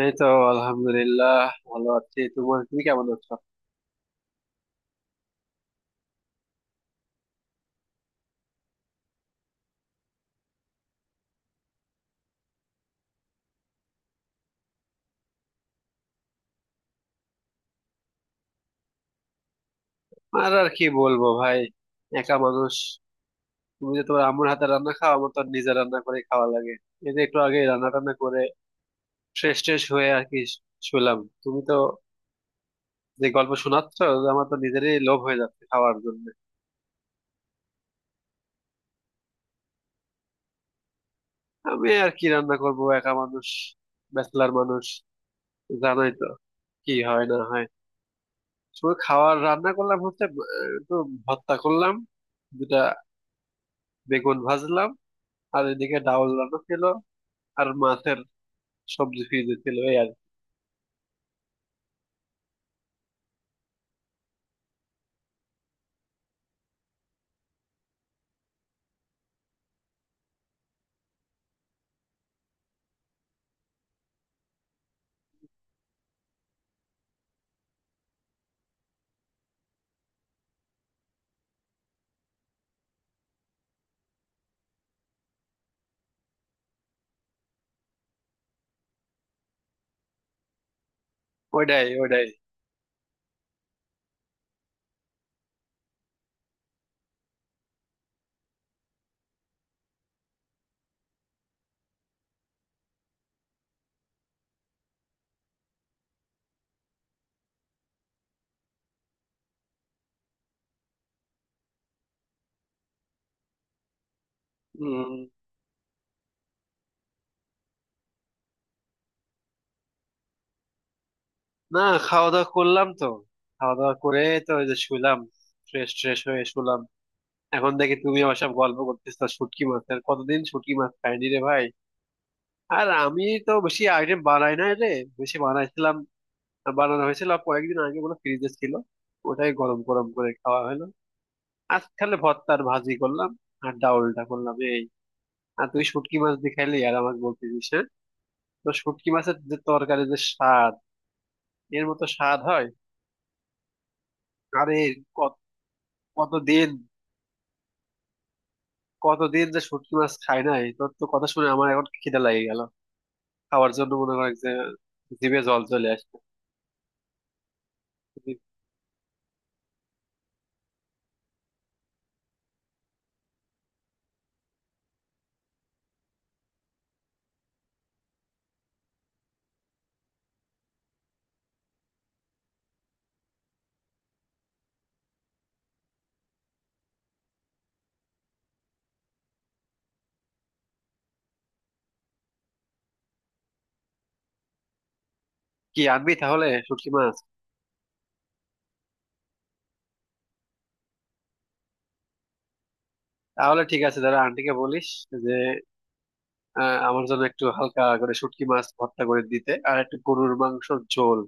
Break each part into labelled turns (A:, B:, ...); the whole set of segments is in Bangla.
A: এই তো আলহামদুলিল্লাহ, ভালো আছি। তোমার তুমি কেমন আছো? আর আর কি বলবো ভাই, একা মানুষ। তুমি যে তোমার আম্মুর হাতে রান্না খাও, আমার তো আর নিজে রান্না করে খাওয়া লাগে। এই যে একটু আগে রান্না টান্না করে ফ্রেশ ট্রেশ হয়ে আর কি শুলাম। তুমি তো যে গল্প শোনাচ্ছ, যে আমার তো নিজেরই লোভ হয়ে যাচ্ছে খাওয়ার জন্য। আমি আর কি রান্না করব, একা মানুষ, ব্যাচলার মানুষ, জানোই তো কি হয় না হয়। শুধু খাওয়ার রান্না করলাম হচ্ছে একটু ভর্তা করলাম, দুটা বেগুন ভাজলাম, আর এদিকে ডাউল রান্না ছিল, আর মাছের সবজি ফ্রিজে ছিল এই আর কি। ওইটাই ওইটাই। হম। না, খাওয়া দাওয়া করলাম তো। খাওয়া দাওয়া করে তো ওই যে শুলাম, ফ্রেশ ট্রেশ হয়ে শুলাম। এখন দেখি তুমি আমার সব গল্প করতেছো শুটকি মাছের, কতদিন শুটকি মাছ খাইনি রে ভাই। আর আমি তো বেশি আইটেম বানাই না রে, বেশি বানাইছিলাম, বানানো হয়েছিল কয়েকদিন আগে বলে ফ্রিজে ছিল, ওটাই গরম গরম করে খাওয়া হলো। আজ খালে ভর্তা আর ভাজি করলাম, আর ডাউলটা করলাম এই। আর তুই শুটকি মাছ দিয়ে খাইলি আর আমাকে বলতেছিস, তো শুটকি মাছের যে তরকারি, যে স্বাদ, এর মতো স্বাদ হয়? আরে কত- কতদিন, কতদিন যে শুটকি মাছ খাই নাই, তোর তো কথা শুনে আমার এখন খিদে লাগে গেল খাওয়ার জন্য, মনে করে যে জিভে জল চলে আসছে। তুই কি আনবি তাহলে, শুটকি মাছ? তাহলে ঠিক আছে, দাদা আন্টিকে বলিস যে আমার জন্য একটু হালকা করে শুটকি মাছ ভর্তা করে দিতে, আর একটু গরুর মাংসের ঝোল।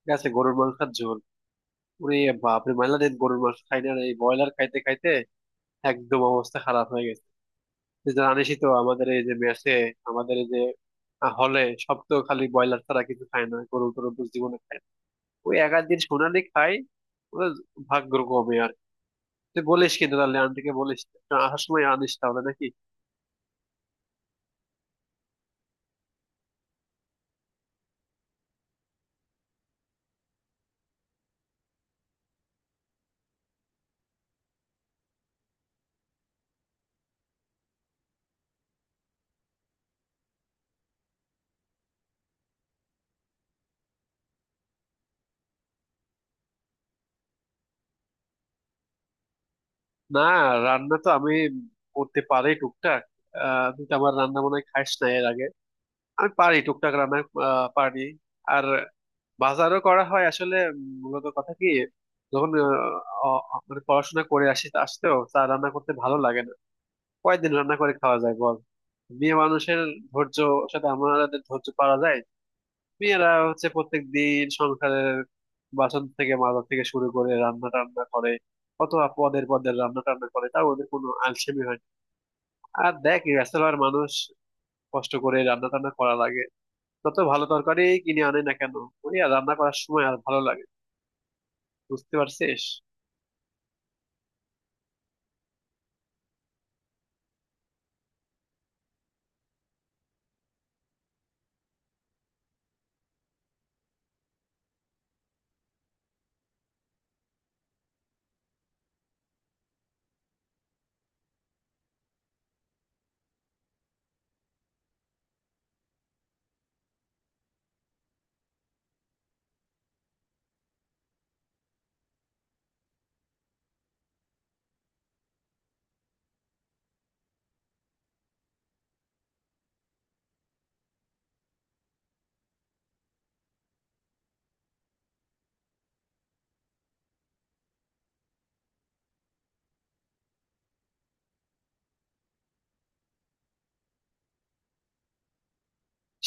A: ঠিক আছে, গরুর মাংসের ঝোল। ওরে বাপরে, মেলা দিন গরুর মাংস খাই না রে। এই ব্রয়লার খাইতে খাইতে একদম অবস্থা খারাপ হয়ে গেছে। জানিসই তো আমাদের এই যে মেসে, আমাদের এই যে হলে, সব তো খালি ব্রয়লার ছাড়া কিছু খায় না, গরু টরু তো জীবনে খায় না। ওই এক আধ দিন সোনালি খাই, ওদের ভাগ্য কমে আর কি। তুই বলিস কিন্তু, তাহলে আন্টিকে বলিস না, আসার সময় আনিস তাহলে নাকি। না, রান্না তো আমি করতে পারি টুকটাক। আহ, তুই তো আমার রান্না মনে হয় খাস না এর আগে। আমি পারি টুকটাক রান্না, আহ, পারি। আর বাজারও করা হয় আসলে মূলত কথা কি, যখন মানে পড়াশোনা করে আসি, আসতেও চা রান্না করতে ভালো লাগে না। কয়দিন রান্না করে খাওয়া যায় বল, মেয়ে মানুষের ধৈর্য সাথে আমাদের ধৈর্য পারা যায়? মেয়েরা হচ্ছে প্রত্যেক দিন সংসারের বাসন থেকে মাজা থেকে শুরু করে রান্না টান্না করে, কত পদের পদের রান্না টান্না করে, তাও ওদের কোনো আলসেমি হয় না। আর দেখ ব্যাচেলর মানুষ, কষ্ট করে রান্না টান্না করা লাগে, তত ভালো তরকারি কিনে আনে না কেন, ওই আর রান্না করার সময় আর ভালো লাগে। বুঝতে পারছিস?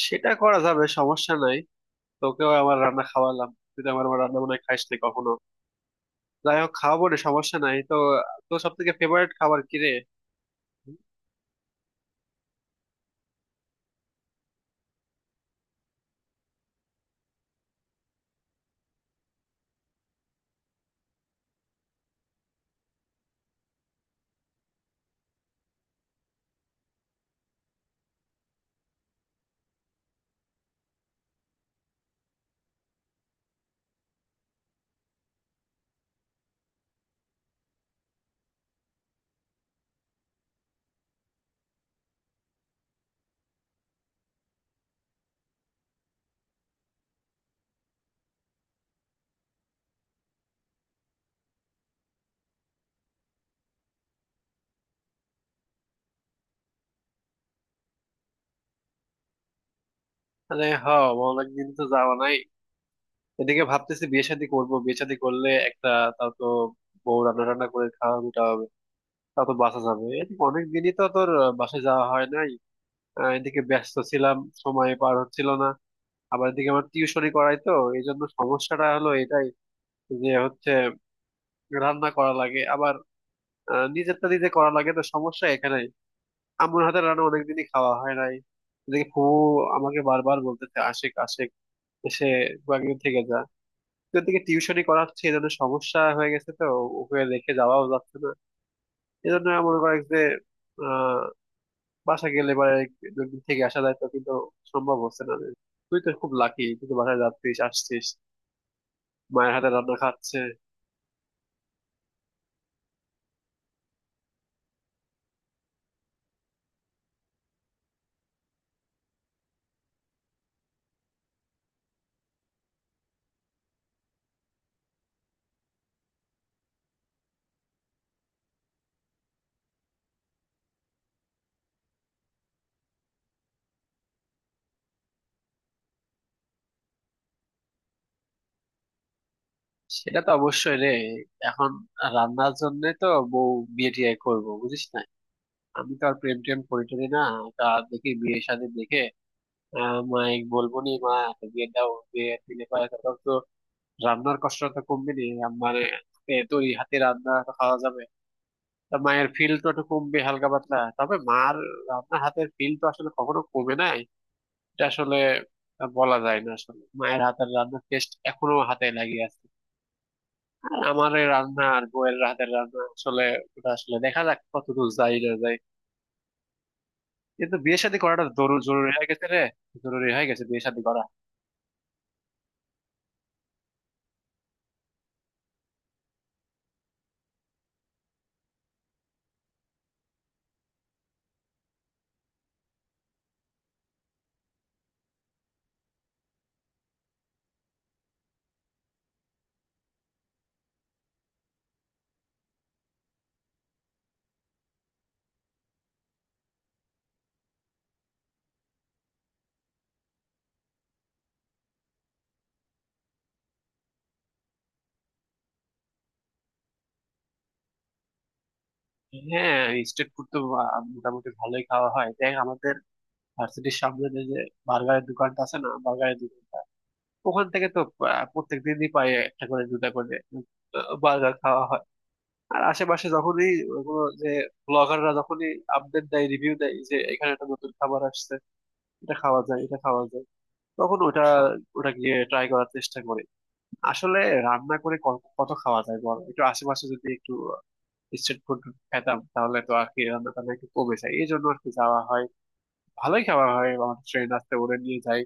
A: সেটা করা যাবে, সমস্যা নাই। তোকেও আমার রান্না খাওয়ালাম, তুই তো আমার আমার রান্না বান্না খাইস না কখনো। যাই হোক, খাওয়াবো রে, সমস্যা নাই তো। তোর সব থেকে ফেভারিট খাবার কি রে? আরে হ, অনেকদিন তো যাওয়া নাই। এদিকে ভাবতেছি বিয়ে শাদী করবো, বিয়ে শাদী করলে একটা, তাও তো বউ রান্না টান্না করে খাওয়া মিটা হবে। তাও তো বাসা যাবে, এদিকে অনেক দিনই তো তোর বাসায় যাওয়া হয় নাই। আহ, এদিকে ব্যস্ত ছিলাম, সময় পার হচ্ছিল না। আবার এদিকে আমার টিউশনই করাই তো, এই জন্য সমস্যাটা হলো এটাই, যে হচ্ছে রান্না করা লাগে আবার, নিজেরটা নিজে করা লাগে, তো সমস্যা এখানে। আম্মুর হাতের রান্না অনেকদিনই খাওয়া হয় নাই। দেখি ফুফু আমাকে বারবার বলতেছে, আশেক আশেক এসে কয়েকদিন থেকে যা। এদিকে টিউশনই করাচ্ছে, এই জন্য সমস্যা হয়ে গেছে তো, ওকে রেখে যাওয়াও যাচ্ছে না। এজন্য মনে করে যে আহ বাসা গেলে বা দুদিন থেকে আসা যায় তো, কিন্তু সম্ভব হচ্ছে না। তুই তো খুব লাকি, তুই তো বাসায় যাচ্ছিস আসছিস, মায়ের হাতে রান্না খাচ্ছে। সেটা তো অবশ্যই রে। এখন রান্নার জন্য তো বউ, বিয়ে টিয়ে করবো বুঝিস না, আমি তো আর প্রেম টেম করি টরি না। তা দেখি বিয়ে শাদী দেখে, আহ, মাই বলবো নি মা একটা বিয়ে দাও, বিয়ে দিলে পরে তখন তো রান্নার কষ্ট তো কমবে নি, মানে এ তৈরি হাতে রান্না তো খাওয়া যাবে। তা মায়ের ফিল তো একটু কমবে হালকা পাতলা, তবে মার রান্নার হাতের ফিল তো আসলে কখনো কমে নাই। এটা আসলে বলা যায় না, আসলে মায়ের হাতের রান্নার টেস্ট এখনো হাতে লাগিয়ে আছে। আর আমার এই রান্না আর বউয়ের হাতের রান্না আসলে, ওটা আসলে দেখা যাক কতদূর যাই না যাই, কিন্তু বিয়ে শাদী করাটা জরুরি হয়ে গেছে রে। জরুরি হয়ে গেছে বিয়ে শাদী করা। হ্যাঁ, স্ট্রিট ফুড তো মোটামুটি ভালোই খাওয়া হয়। দেখ আমাদের ভার্সিটির সামনে যে যে বার্গারের দোকানটা আছে না, বার্গারের দোকানটা, ওখান থেকে তো প্রত্যেক দিনই পাই একটা করে দুটা করে বার্গার খাওয়া হয়। আর আশেপাশে যখনই কোনো যে ব্লগাররা যখনই আপডেট দেয়, রিভিউ দেয় যে এখানে একটা নতুন খাবার আসছে, এটা খাওয়া যায় এটা খাওয়া যায়, তখন ওটা ওটা গিয়ে ট্রাই করার চেষ্টা করি। আসলে রান্না করে কত খাওয়া যায় বল, একটু আশেপাশে যদি একটু স্ট্রিট ফুড খেতাম, তাহলে তো আর কি রান্না টান্না একটু কমে যায়, এই জন্য আর কি যাওয়া হয়, ভালোই খাওয়া হয় আমার ট্রেন আসতে ওরে নিয়ে যায়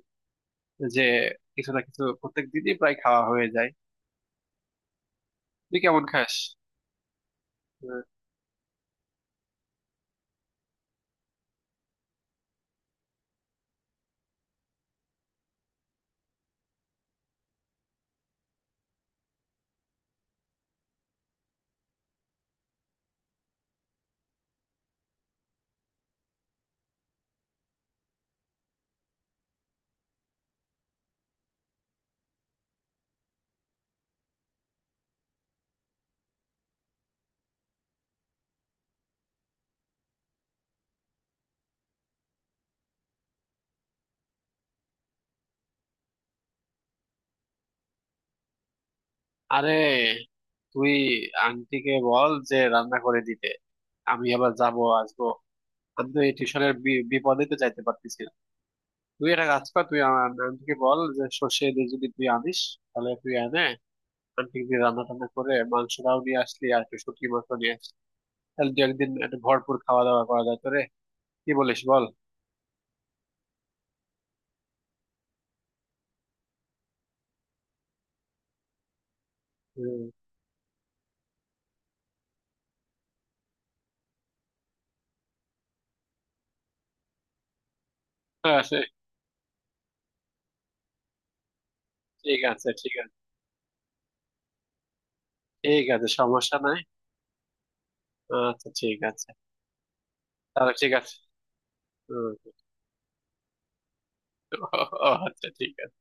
A: যে, কিছু না কিছু প্রত্যেক দিনই প্রায় খাওয়া হয়ে যায়। তুই কেমন খাস? হ্যাঁ। আরে তুই আন্টিকে বল যে রান্না করে দিতে, আমি আবার যাবো আসবো, আমি তো এই টিউশনের বিপদে তো যাইতে পারতেছি না। তুই একটা কাজ কর, তুই আমার আন্টিকে বল যে সর্ষে দিয়ে যদি তুই আনিস, তাহলে তুই আনে আন্টি দিয়ে রান্না টান্না করে মাংসটাও নিয়ে আসলি, আর একটু শুটকি মাংস নিয়ে আসলি, তাহলে দু একদিন একটা ভরপুর খাওয়া দাওয়া করা যায় তোরে। কি বলিস বল। হম। আচ্ছা। ঠিক আছে। ঠিক আছে, সমস্যা নাই। আচ্ছা ঠিক আছে। তাহলে ঠিক আছে। হম। আচ্ছা ঠিক আছে।